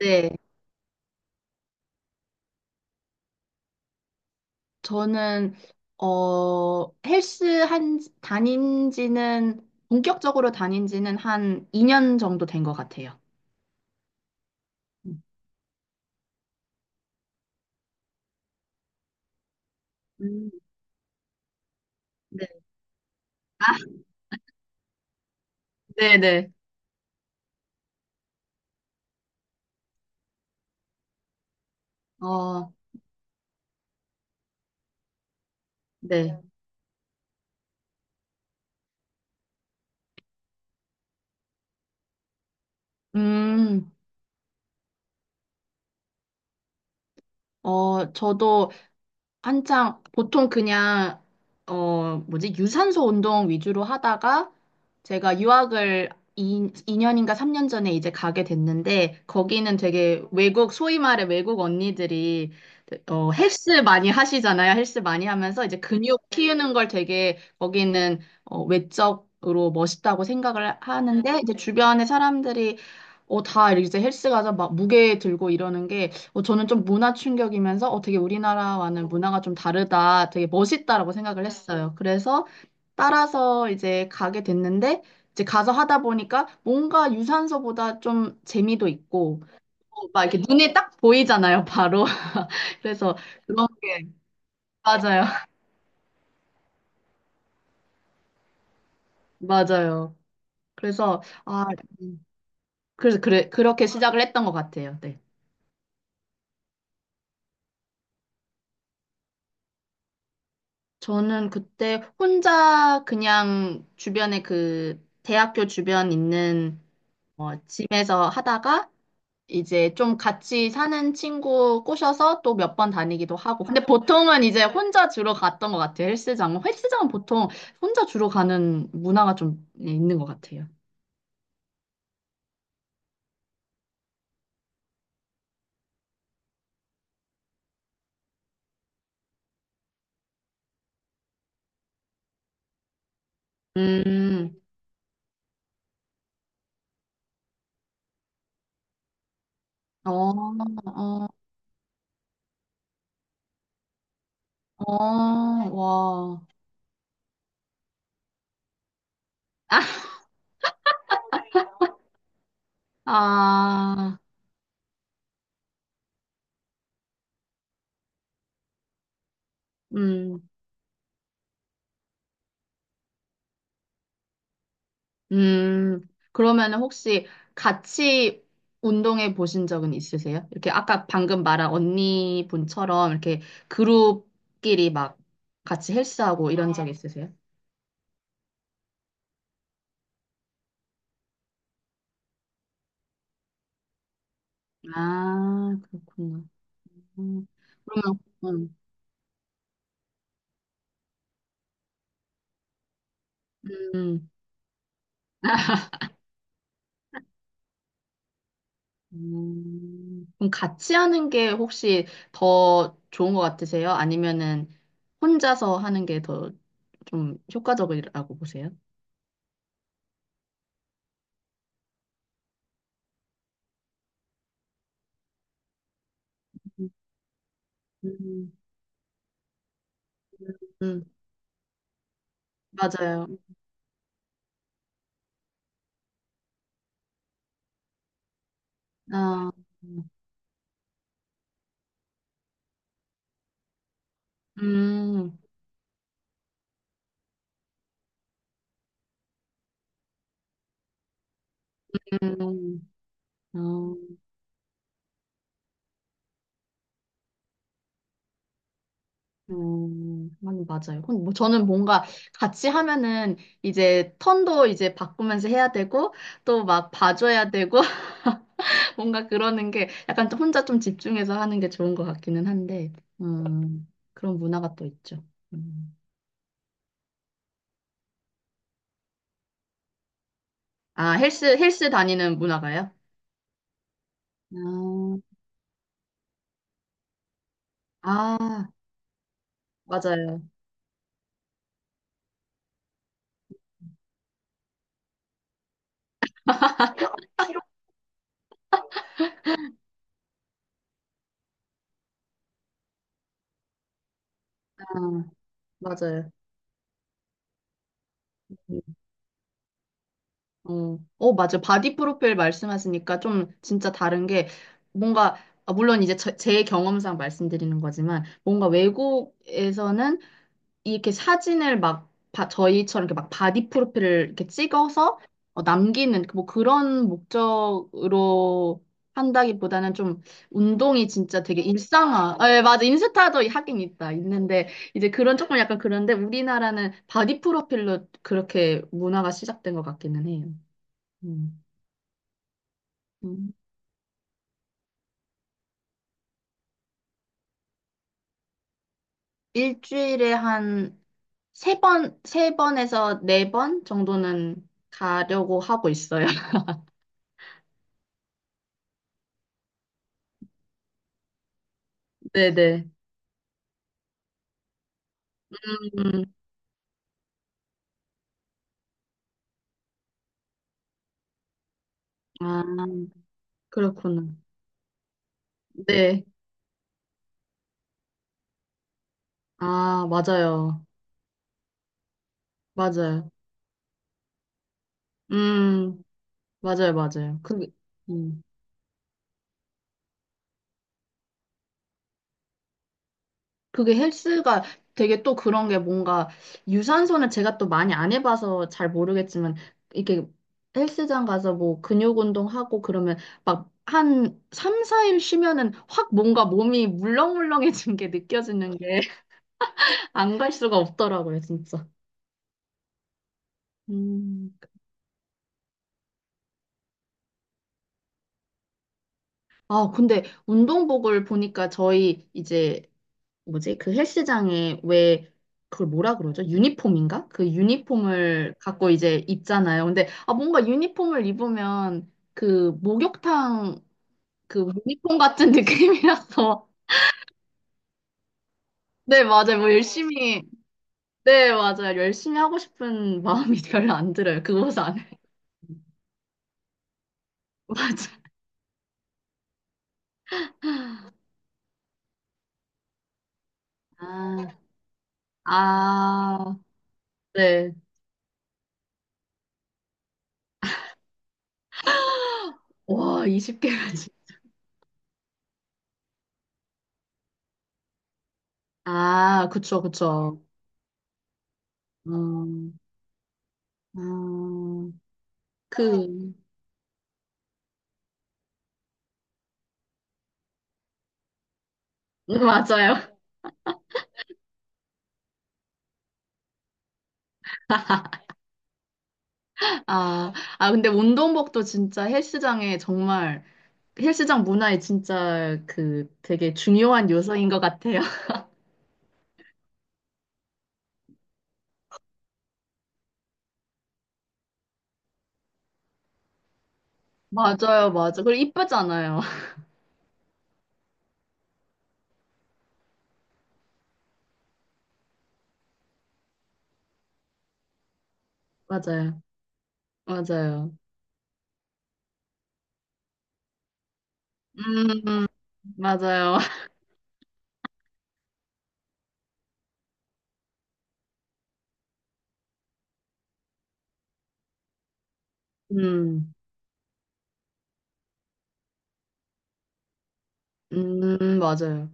네, 저는 헬스 한 다닌 지는 본격적으로 다닌 지는 한 2년 정도 된 것 같아요. 음. 음. 네. 아, 네네. 어, 네. 음, 저도 한창 보통 그냥 어 뭐지 유산소 운동 위주로 하다가 제가 유학을 2, 이 년인가 삼년인가 3년 전에 이제 가게 됐는데, 거기는 되게 외국 소위 말해 외국 언니들이 헬스 많이 하시잖아요. 헬스 많이 하면서 이제 근육 키우는 걸 되게 거기는 외적으로 멋있다고 생각을 하는데 이제 주변의 사람들이 다 이제 헬스 가서 막 무게 들고 이러는 게 저는 좀 문화 충격이면서 되게 우리나라와는 문화가 좀 다르다, 되게 멋있다라고 생각을 했어요. 그래서 따라서 이제 가게 됐는데, 이제 가서 하다 보니까 뭔가 유산소보다 좀 재미도 있고 막 이렇게 눈에 딱 보이잖아요, 바로. 그래서 그런 게 맞아요, 맞아요. 그래서 아, 음, 그래서 그렇게 시작을 했던 것 같아요. 네. 저는 그때 혼자 그냥 주변에 그 대학교 주변 있는 집에서 하다가 이제 좀 같이 사는 친구 꼬셔서 또 몇 번 다니기도 하고. 근데 보통은 이제 혼자 주로 갔던 것 같아요. 헬스장은. 보통 혼자 주로 가는 문화가 좀 네, 있는 것 같아요. 음, 어, 어, 어, 와. 아, 음. 그러면 혹시 같이 운동해 보신 적은 있으세요? 이렇게 아까 방금 말한 언니분처럼 이렇게 그룹끼리 막 같이 헬스하고 이런 적 있으세요? 아, 그렇구나. 음, 그러면, 음, 그럼 같이 하는 게 혹시 더 좋은 것 같으세요? 아니면은 혼자서 하는 게 더 좀 효과적이라고 보세요? 음, 음, 맞아요. 아. 음, 음, 어, 아니, 맞아요. 뭐 저는 뭔가 같이 하면은 이제 턴도 이제 바꾸면서 해야 되고 또 막 봐줘야 되고 뭔가 그러는 게 약간 또 혼자 좀 집중해서 하는 게 좋은 것 같기는 한데, 그런 문화가 또 있죠. 음. 아, 헬스 다니는 문화가요? 아, 아, 맞아요. 아, 맞아요. 어, 어, 맞아. 바디 프로필 말씀하시니까 좀 진짜 다른 게 뭔가, 아, 물론 이제 제 경험상 말씀드리는 거지만, 뭔가 외국에서는 이렇게 사진을 막 저희처럼 이렇게 막 바디 프로필을 이렇게 찍어서 남기는 뭐 그런 목적으로 한다기보다는 좀 운동이 진짜 되게 일상화. 아, 예, 맞아. 인스타도 하긴 있다. 있는데 이제 그런 조금 약간 그런데 우리나라는 바디 프로필로 그렇게 문화가 시작된 것 같기는 해요. 음. 음. 일주일에 한 세 번에서 네 번 정도는 가려고 하고 있어요. 네네. 음, 아, 그렇구나. 네. 아, 맞아요. 맞아요. 음, 맞아요, 맞아요. 근데, 그게 헬스가 되게 또 그런 게 뭔가 유산소는 제가 또 많이 안 해봐서 잘 모르겠지만 이렇게 헬스장 가서 뭐 근육 운동하고 그러면 막 한 3, 4일 쉬면은 확 뭔가 몸이 물렁물렁해진 게 느껴지는 게 안 갈 수가 없더라고요, 진짜. 음. 아, 근데 운동복을 보니까 저희 이제 뭐지? 그 헬스장에 왜 그걸 뭐라 그러죠? 유니폼인가? 그 유니폼을 갖고 이제 입잖아요. 근데 뭔가 유니폼을 입으면 그 목욕탕 그 유니폼 같은 느낌이라서 네, 맞아요. 뭐 열심히 네, 맞아요. 열심히 하고 싶은 마음이 별로 안 들어요. 그곳 안에. 맞아. 아, 아, 네. 와, 20개가 지 아, 그쵸, 그쵸. 음, 음, 그, 맞아요. 아, 아, 근데 운동복도 진짜 헬스장 문화에 진짜 그 되게 중요한 요소인 것 같아요. 맞아요, 맞아. 그리고 이쁘잖아요. 맞아요, 맞아요. 음, 맞아요. 음, 맞아요.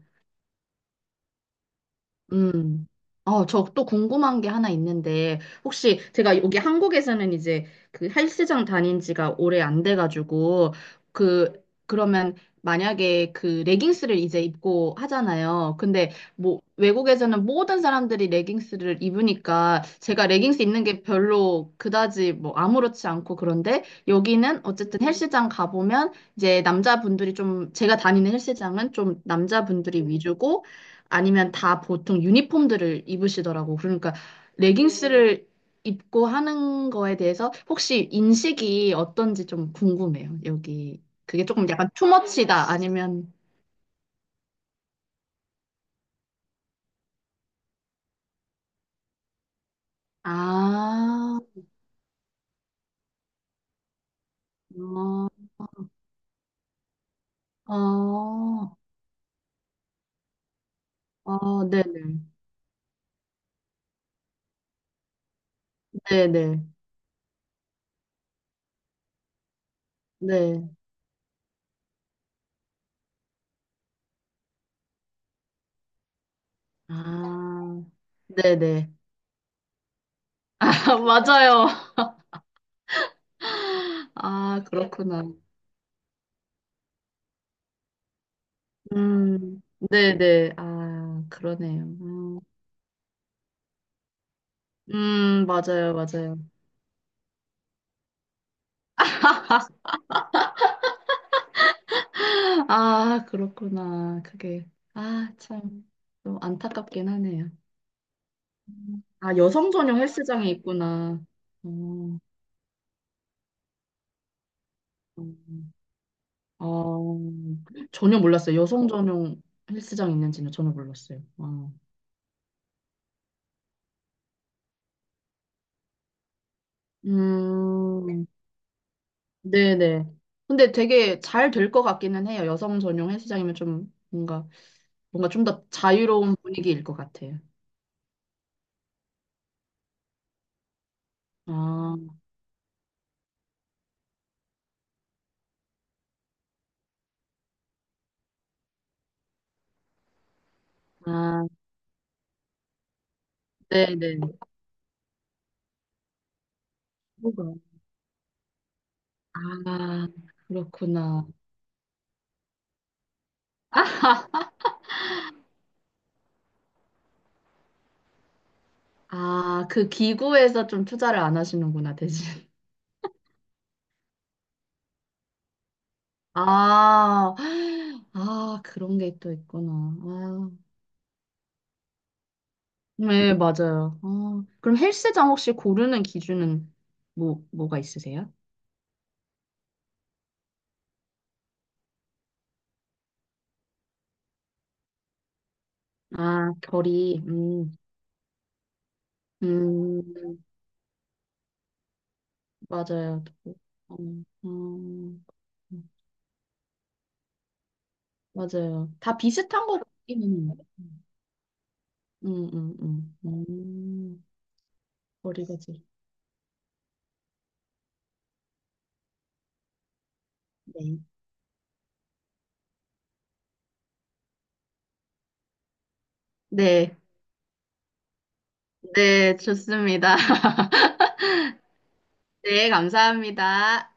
음. 어, 저 또 궁금한 게 하나 있는데, 혹시 제가 여기 한국에서는 이제 그 헬스장 다닌 지가 오래 안 돼가지고, 그, 그러면 만약에 그 레깅스를 이제 입고 하잖아요. 근데 뭐 외국에서는 모든 사람들이 레깅스를 입으니까 제가 레깅스 입는 게 별로 그다지 뭐 아무렇지 않고 그런데, 여기는 어쨌든 헬스장 가보면 이제 남자분들이 좀, 제가 다니는 헬스장은 좀 남자분들이 위주고 아니면 다 보통 유니폼들을 입으시더라고. 그러니까 레깅스를 입고 하는 거에 대해서 혹시 인식이 어떤지 좀 궁금해요. 여기 그게 조금 약간 투머치다 아니면 아, 어, 어, 어, 네네, 네네, 네, 아, 네네, 아, 네, 네. 맞아요. 아, 그렇구나. 음, 네네, 아, 그러네요. 맞아요, 맞아요. 아, 그렇구나. 그게, 아, 참, 좀 안타깝긴 하네요. 음. 아, 여성 전용 헬스장이 있구나. 어, 음. 어, 전혀 몰랐어요. 여성 전용 헬스장 있는지는 전혀 몰랐어요. 어. 음, 네네. 근데 되게 잘 될 것 같기는 해요. 여성 전용 헬스장이면 좀 뭔가, 좀 더 자유로운 분위기일 것 같아요. 아, 아, 네네. 뭐가? 아, 그렇구나. 아, 그 기구에서 좀 투자를 안 하시는구나, 대신. 아, 아, 그런 게 또 있구나. 아, 네, 맞아요. 아, 그럼 헬스장 혹시 고르는 기준은 뭐가 있으세요? 아, 결이, 음, 맞아요. 음, 음, 맞아요. 다 비슷한 거 같기는 해요. 음, 음, 음, 음, 머리가 지 네. 네, 네, 좋습니다. 네, 감사합니다.